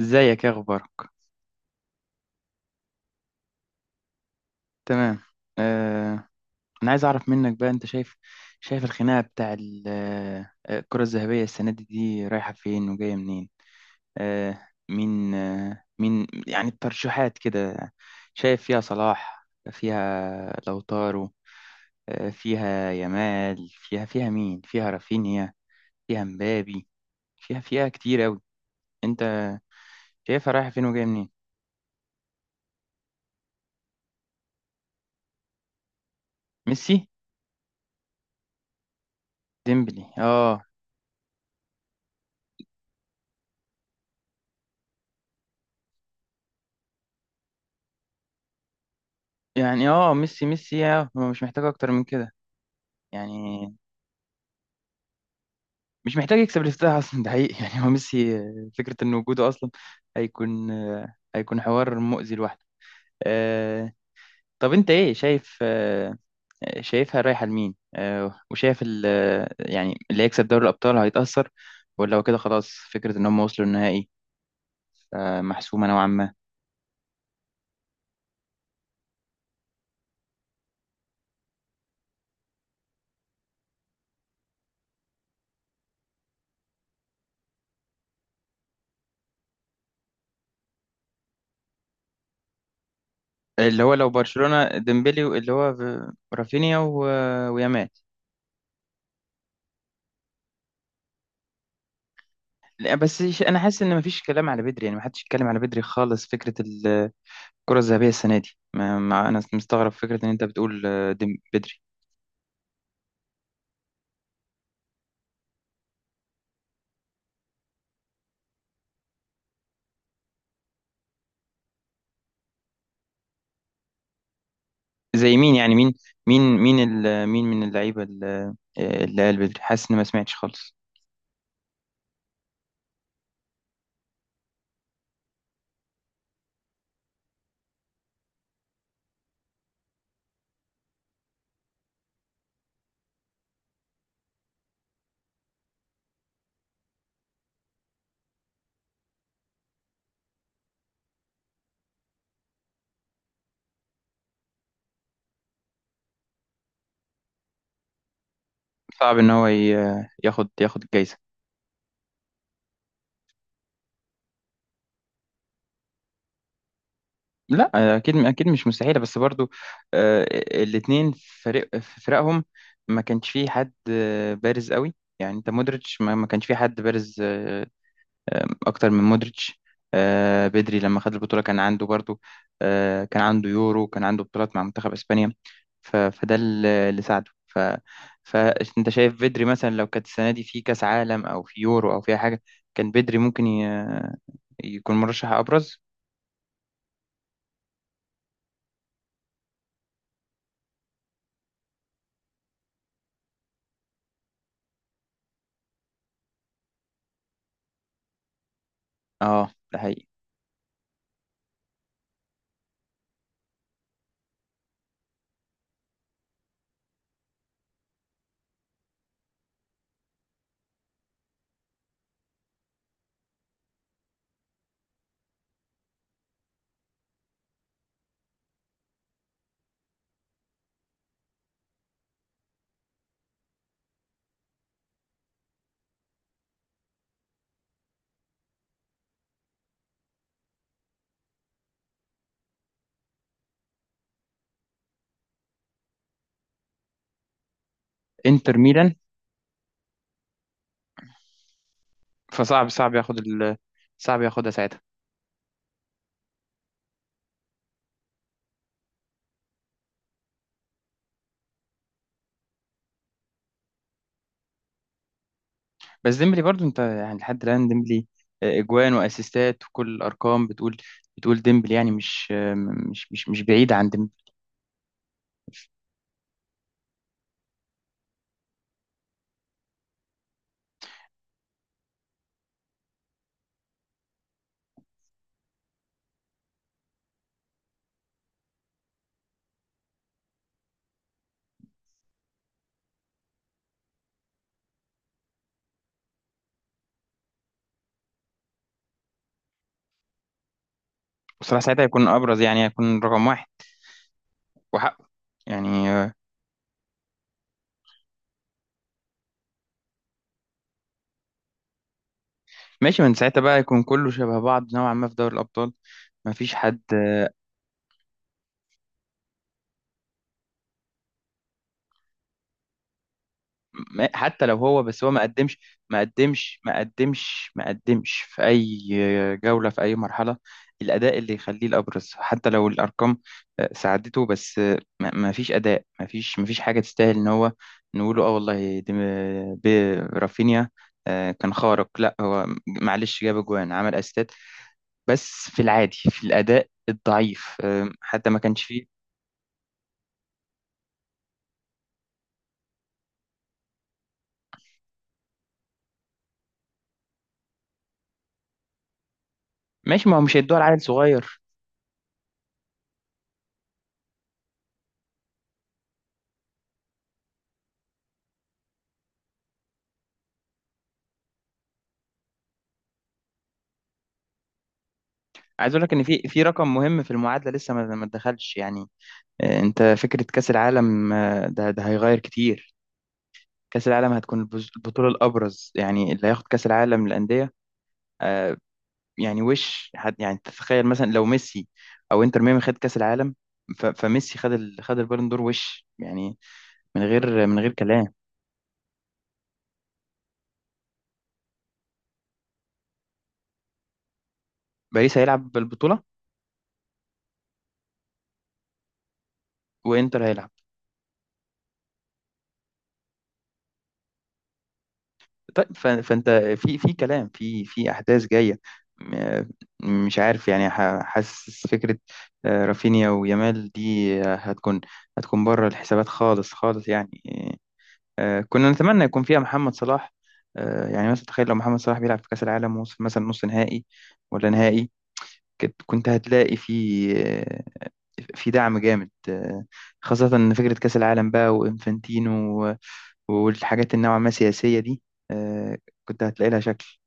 ازيك يا اخبارك؟ تمام. آه. انا عايز اعرف منك بقى، انت شايف الخناقه بتاع الكره الذهبيه السنه دي، رايحه فين وجايه منين؟ مين، يعني الترشيحات كده؟ شايف فيها صلاح، فيها لوتارو، فيها يامال، فيها مين؟ فيها رافينيا، فيها مبابي، فيها كتير قوي. انت شايفها رايحه فين وجايه منين؟ ميسي. ديمبلي، اه. يعني ميسي، هو مش محتاج اكتر من كده، يعني. مش محتاج يكسب الافتتاح اصلا، ده حقيقي. يعني هو ميسي، فكره ان وجوده اصلا هيكون حوار مؤذي لوحده. آه، طب، انت ايه شايف؟ شايفها رايحه لمين؟ وشايف يعني اللي هيكسب دوري الابطال هيتاثر، ولا هو كده خلاص؟ فكره ان هم وصلوا النهائي، محسومه نوعا ما. اللي هو لو برشلونه ديمبلي، اللي هو رافينيا ويامال. لا، بس انا حاسس ان مفيش كلام على بدري، يعني محدش يتكلم على بدري خالص. فكره الكرة الذهبية السنة دي، ما أنا مستغرب فكرة إن أنت بتقول بدري. زي مين؟ يعني مين؟ مين من اللعيبة اللي قال بدري؟ حاسس إن ما سمعتش خالص. صعب إن هو ياخد الجايزة. لا، أكيد أكيد مش مستحيلة، بس برضو آه، الاتنين فريق في فرقهم ما كانش فيه حد بارز قوي. يعني أنت مودريتش، ما كانش فيه حد بارز اكتر من مودريتش. بدري لما خد البطوله كان عنده برضو، كان عنده يورو، كان عنده بطولات مع منتخب اسبانيا. فده اللي ساعده، ف. فانت شايف بدري مثلا لو كانت السنه دي في كاس عالم او في يورو او في أي حاجه، كان بدري ممكن يكون مرشح ابرز. اه، ده حقيقي. انتر ميلان. فصعب ياخد صعب ياخدها ساعتها. بس ديمبلي برضو، انت يعني، لحد الان ديمبلي اجوان واسيستات وكل الارقام بتقول ديمبلي، يعني مش آه، مش مش مش بعيد عن ديمبلي. بصراحة ساعتها هيكون أبرز، يعني هيكون رقم واحد وحقه، يعني. ماشي، من ساعتها بقى يكون كله شبه بعض نوعا ما في دوري الأبطال. ما فيش حد. حتى لو هو، بس هو ما قدمش في أي جولة، في أي مرحلة. الأداء اللي يخليه الأبرز، حتى لو الأرقام ساعدته، بس ما فيش أداء، ما فيش حاجة تستاهل إن هو نقوله آه والله دي رافينيا. كان خارق؟ لا، هو معلش جاب أجوان، عمل أسيستات، بس في العادي، في الاداء الضعيف، حتى ما كانش فيه. ماشي، ما هو مش هيدوها لعيل صغير. عايز اقول لك ان في رقم مهم في المعادله لسه ما اتدخلش، يعني. أه، انت فكره كاس العالم، ده هيغير كتير. كاس العالم هتكون البطوله الابرز، يعني اللي هياخد كاس العالم للانديه. أه، يعني وش حد، يعني تتخيل مثلا لو ميسي او انتر ميامي خد كاس العالم، فميسي خد خد البالون دور، وش يعني؟ من غير كلام. باريس هيلعب بالبطوله، وانتر هيلعب. طيب، فانت في كلام، في احداث جايه، م- مش عارف، يعني حاسس. فكره رافينيا ويامال دي هتكون بره الحسابات، خالص خالص، يعني. كنا نتمنى يكون فيها محمد صلاح. يعني مثلا تخيل لو محمد صلاح بيلعب في كاس العالم ووصل مثلا نص نهائي ولا نهائي، كنت هتلاقي آه، في دعم جامد، خاصة إن فكرة كأس العالم بقى وإنفانتينو والحاجات النوعا ما سياسية دي، آه، كنت هتلاقي لها شكل.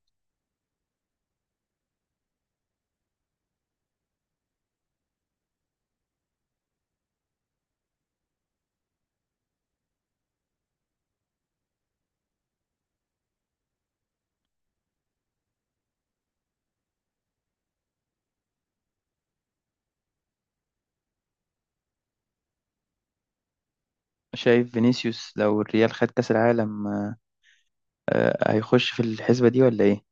شايف فينيسيوس لو الريال خد كأس العالم هيخش في الحسبة دي ولا ايه؟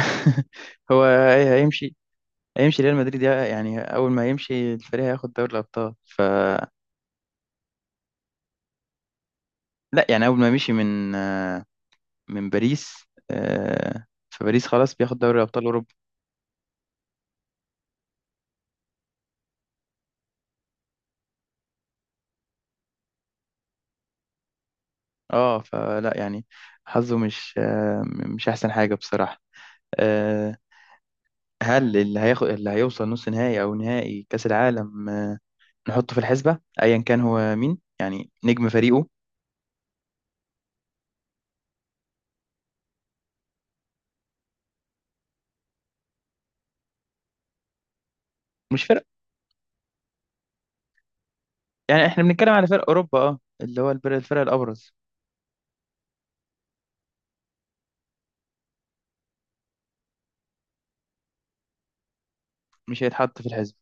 هو هيمشي ريال مدريد، يعني اول ما يمشي الفريق هياخد دوري الابطال، ف. لا، يعني اول ما مشي من من باريس، فباريس خلاص بياخد دوري ابطال اوروبا. اه فلا، يعني حظه مش احسن حاجة، بصراحة. آه، هل اللي هياخد اللي هيوصل نص نهائي او نهائي كأس العالم نحطه في الحسبة ايا كان هو مين، يعني نجم فريقه؟ مش، يعني احنا بنتكلم على فرق اوروبا، اللي هو الفرق الابرز. مش هيتحط في الحزب.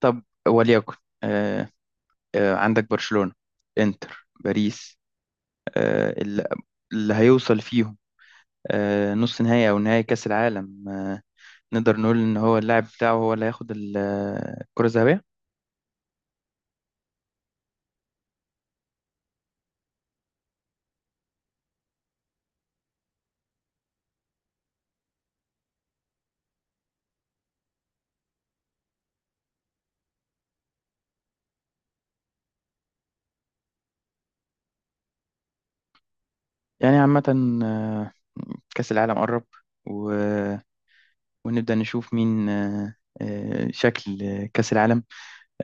طب، وليكن، آه عندك برشلونة، انتر، باريس، آه، اللي هيوصل فيهم نص نهائي او نهائي كاس العالم، نقدر نقول ان هو اللاعب بتاعه هو اللي هياخد الكرة الذهبية. يعني عامة، آه كاس العالم قرب، و... ونبدأ نشوف مين، شكل كاس العالم.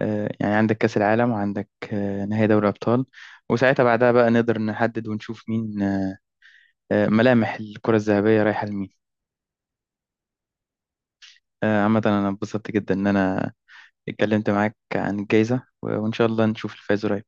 يعني عندك كأس العالم، وعندك نهائي دوري أبطال، وساعتها بعدها بقى نقدر نحدد ونشوف مين. ملامح الكرة الذهبية رايحة لمين؟ عامة، أنا اتبسطت جدا إن أنا اتكلمت معاك عن الجايزة، وإن شاء الله نشوف الفائز قريب.